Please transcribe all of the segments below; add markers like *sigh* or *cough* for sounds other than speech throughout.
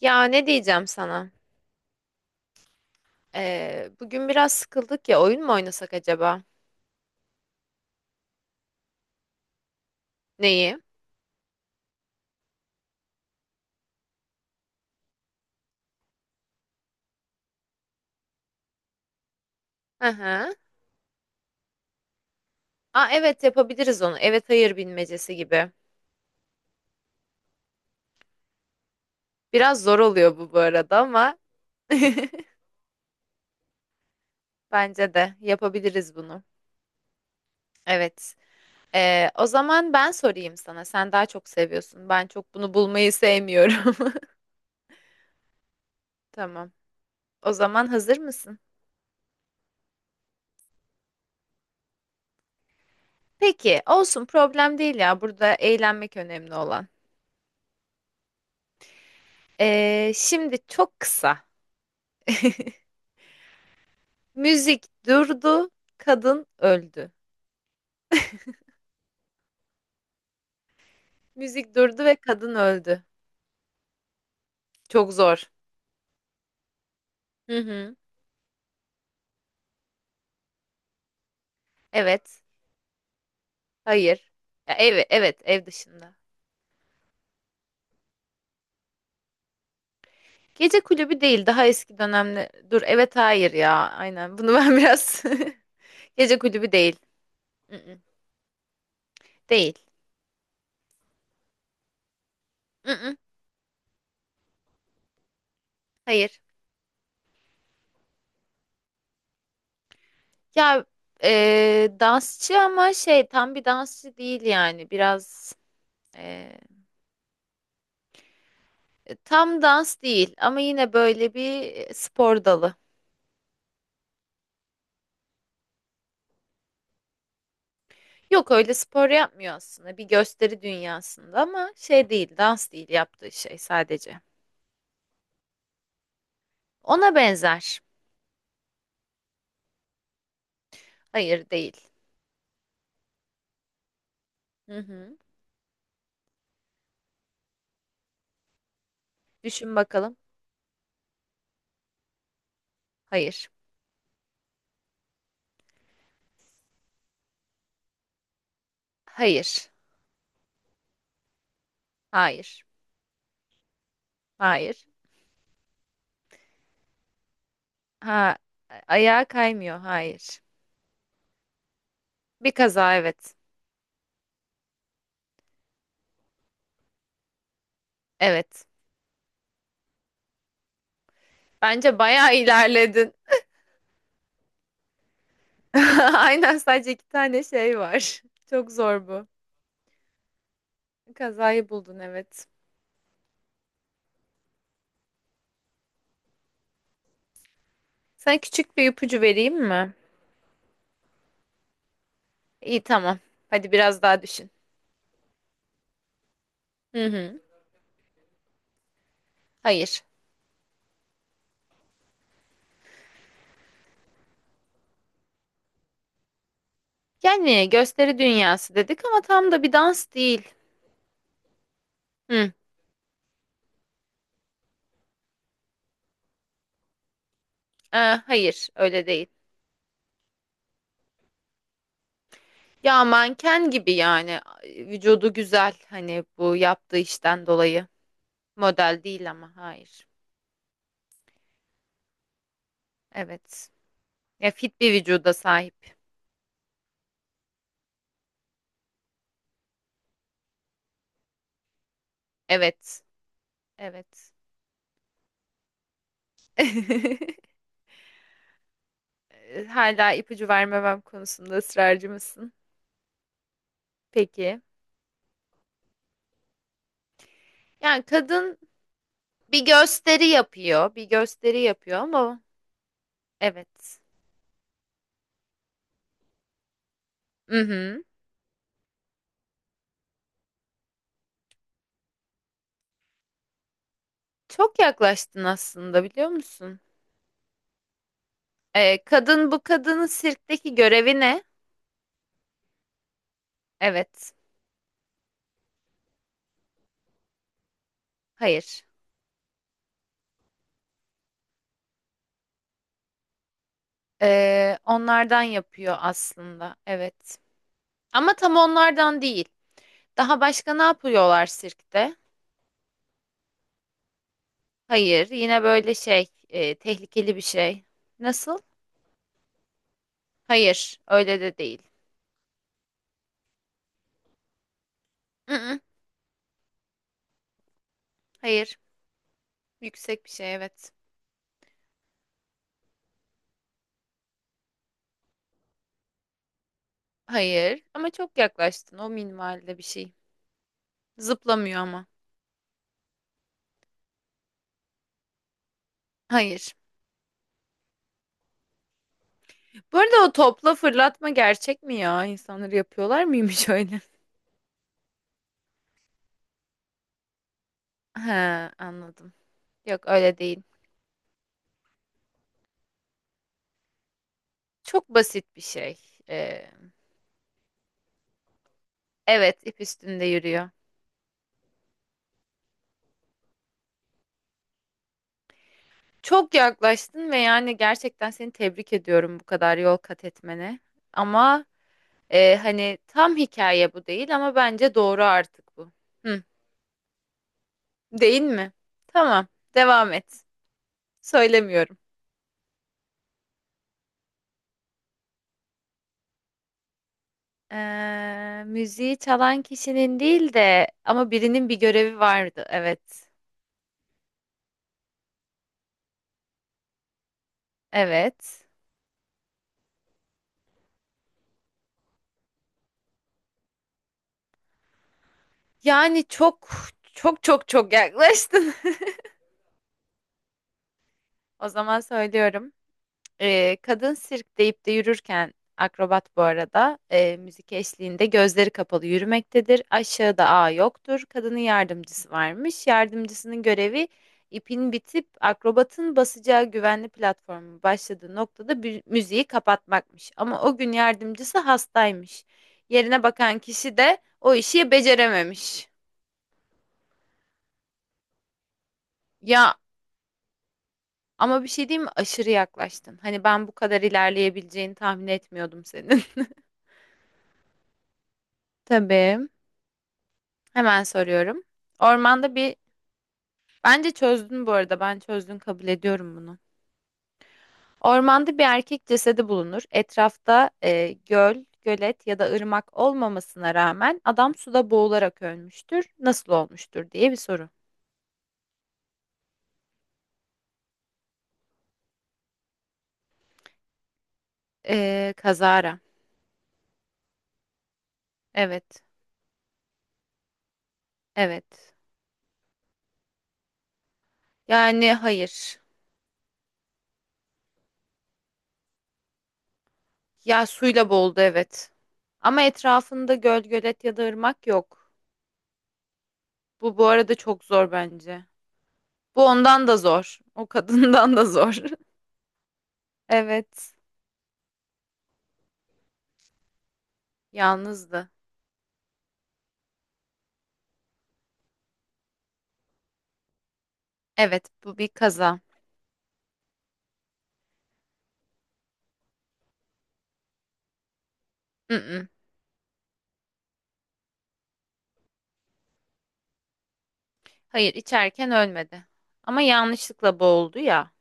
Ya ne diyeceğim sana? Bugün biraz sıkıldık ya, oyun mu oynasak acaba? Neyi? Hı hı. Aa, evet, yapabiliriz onu. Evet, hayır bilmecesi gibi. Biraz zor oluyor bu arada ama *laughs* bence de yapabiliriz bunu. Evet. O zaman ben sorayım sana. Sen daha çok seviyorsun. Ben çok bunu bulmayı sevmiyorum. *laughs* Tamam. O zaman hazır mısın? Peki, olsun, problem değil ya. Burada eğlenmek önemli olan. Şimdi çok kısa. Müzik durdu, kadın öldü. Müzik durdu ve kadın öldü. Çok zor. Hı hı. Evet. Hayır. Ya, ev, evet, ev dışında. Gece kulübü değil, daha eski dönemde. Dur, evet, hayır ya. Aynen. Bunu ben biraz *laughs* Gece kulübü değil. Mm-mm. Değil. Mm-mm. Hayır. Ya dansçı ama şey, tam bir dansçı değil yani. Biraz e, tam dans değil ama yine böyle bir spor dalı. Yok, öyle spor yapmıyor aslında. Bir gösteri dünyasında ama şey değil, dans değil yaptığı şey sadece. Ona benzer. Hayır, değil. Hı hı. Düşün bakalım. Hayır. Hayır. Hayır. Hayır. Ha, ayağa kaymıyor. Hayır. Bir kaza, evet. Evet. Bence bayağı ilerledin. *laughs* Aynen, sadece iki tane şey var. *laughs* Çok zor bu. Kazayı buldun, evet. Sana küçük bir ipucu vereyim mi? İyi, tamam. Hadi biraz daha düşün. Hı hı. Hayır. Yani gösteri dünyası dedik ama tam da bir dans değil. Hı, e, hayır, öyle değil. Ya manken gibi yani, vücudu güzel hani bu yaptığı işten dolayı. Model değil ama, hayır. Evet. Ya, fit bir vücuda sahip. Evet. Evet. *laughs* Hala ipucu vermemem konusunda ısrarcı mısın? Peki. Yani kadın bir gösteri yapıyor, bir gösteri yapıyor ama evet. Mhm. Çok yaklaştın aslında, biliyor musun? Kadın, bu kadının sirkteki görevi ne? Evet. Hayır. Onlardan yapıyor aslında. Evet. Ama tam onlardan değil. Daha başka ne yapıyorlar sirkte? Hayır. Yine böyle şey, tehlikeli bir şey. Nasıl? Hayır. Öyle de değil. Mm-mm, hayır. Yüksek bir şey, evet. Hayır. Ama çok yaklaştın. O minvalde bir şey. Zıplamıyor ama. Hayır. Bu arada, o topla fırlatma gerçek mi ya? İnsanları yapıyorlar mıymış öyle? *laughs* He, anladım. Yok, öyle değil. Çok basit bir şey. Ee, evet, ip üstünde yürüyor. Çok yaklaştın ve yani gerçekten seni tebrik ediyorum bu kadar yol kat etmene. Ama hani tam hikaye bu değil ama bence doğru artık bu. Hı, değil mi? Tamam, devam et. Söylemiyorum. Müziği çalan kişinin değil de ama birinin bir görevi vardı. Evet. Evet. Yani çok yaklaştın. *laughs* O zaman söylüyorum. Kadın sirk deyip de yürürken akrobat bu arada, müzik eşliğinde gözleri kapalı yürümektedir. Aşağıda ağ yoktur. Kadının yardımcısı varmış. Yardımcısının görevi, ipin bitip akrobatın basacağı güvenli platformun başladığı noktada müziği kapatmakmış. Ama o gün yardımcısı hastaymış. Yerine bakan kişi de o işi becerememiş. Ya ama bir şey diyeyim mi? Aşırı yaklaştın. Hani ben bu kadar ilerleyebileceğini tahmin etmiyordum senin. *laughs* Tabii. Hemen soruyorum. Ormanda bir... Bence çözdün bu arada. Ben çözdün kabul ediyorum bunu. Ormanda bir erkek cesedi bulunur. Etrafta göl, gölet ya da ırmak olmamasına rağmen adam suda boğularak ölmüştür. Nasıl olmuştur diye bir soru. E, kazara. Evet. Evet. Yani hayır. Ya, suyla boğuldu, evet. Ama etrafında göl, gölet ya da ırmak yok. Bu arada çok zor bence. Bu ondan da zor. O kadından da zor. *laughs* Evet, yalnızdı. Evet, bu bir kaza. Mm-mm. Hayır, içerken ölmedi. Ama yanlışlıkla boğuldu ya.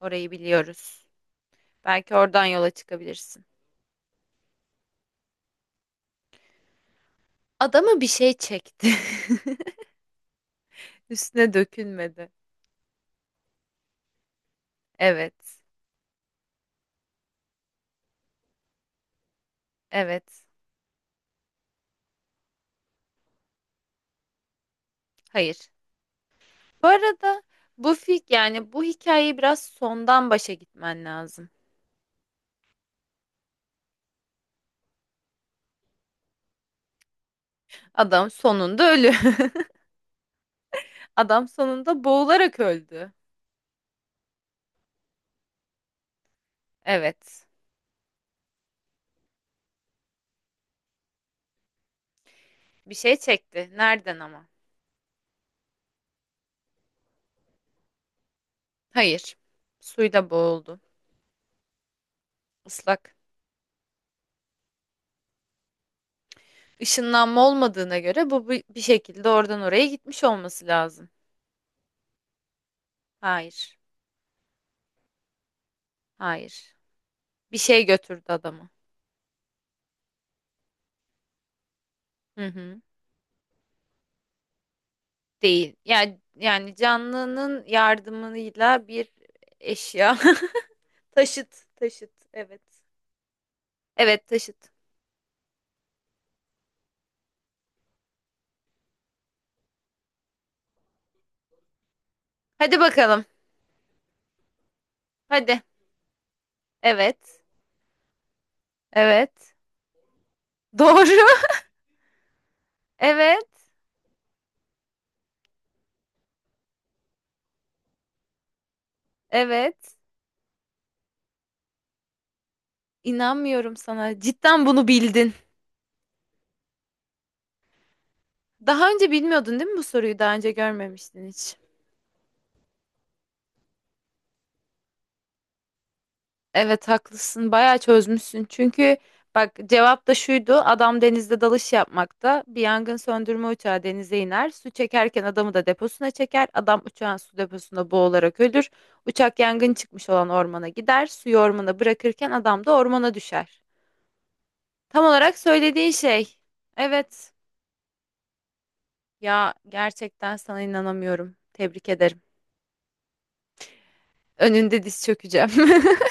Orayı biliyoruz. Belki oradan yola çıkabilirsin. Adamı bir şey çekti. *laughs* Üstüne dökülmedi. Evet, evet. Hayır. Bu arada, bu fik yani bu hikayeyi biraz sondan başa gitmen lazım. Adam sonunda ölü. *laughs* Adam sonunda boğularak öldü. Evet. Bir şey çekti. Nereden ama? Hayır. Suyla boğuldu. Islak. Işınlanma olmadığına göre bu bir şekilde oradan oraya gitmiş olması lazım. Hayır. Hayır. Bir şey götürdü adamı. Hı hı. Değil. Yani canlının yardımıyla bir eşya. *laughs* Taşıt, taşıt, evet. Evet, taşıt. Hadi bakalım. Hadi. Evet. Evet. Doğru. *laughs* Evet. Evet. İnanmıyorum sana. Cidden bunu bildin. Daha önce bilmiyordun değil mi bu soruyu? Daha önce görmemiştin hiç. Evet, haklısın. Bayağı çözmüşsün. Çünkü bak, cevap da şuydu. Adam denizde dalış yapmakta. Bir yangın söndürme uçağı denize iner. Su çekerken adamı da deposuna çeker. Adam uçağın su deposunda boğularak ölür. Uçak yangın çıkmış olan ormana gider. Suyu ormana bırakırken adam da ormana düşer. Tam olarak söylediğin şey. Evet. Ya gerçekten sana inanamıyorum. Tebrik ederim. Önünde diz çökeceğim. *laughs*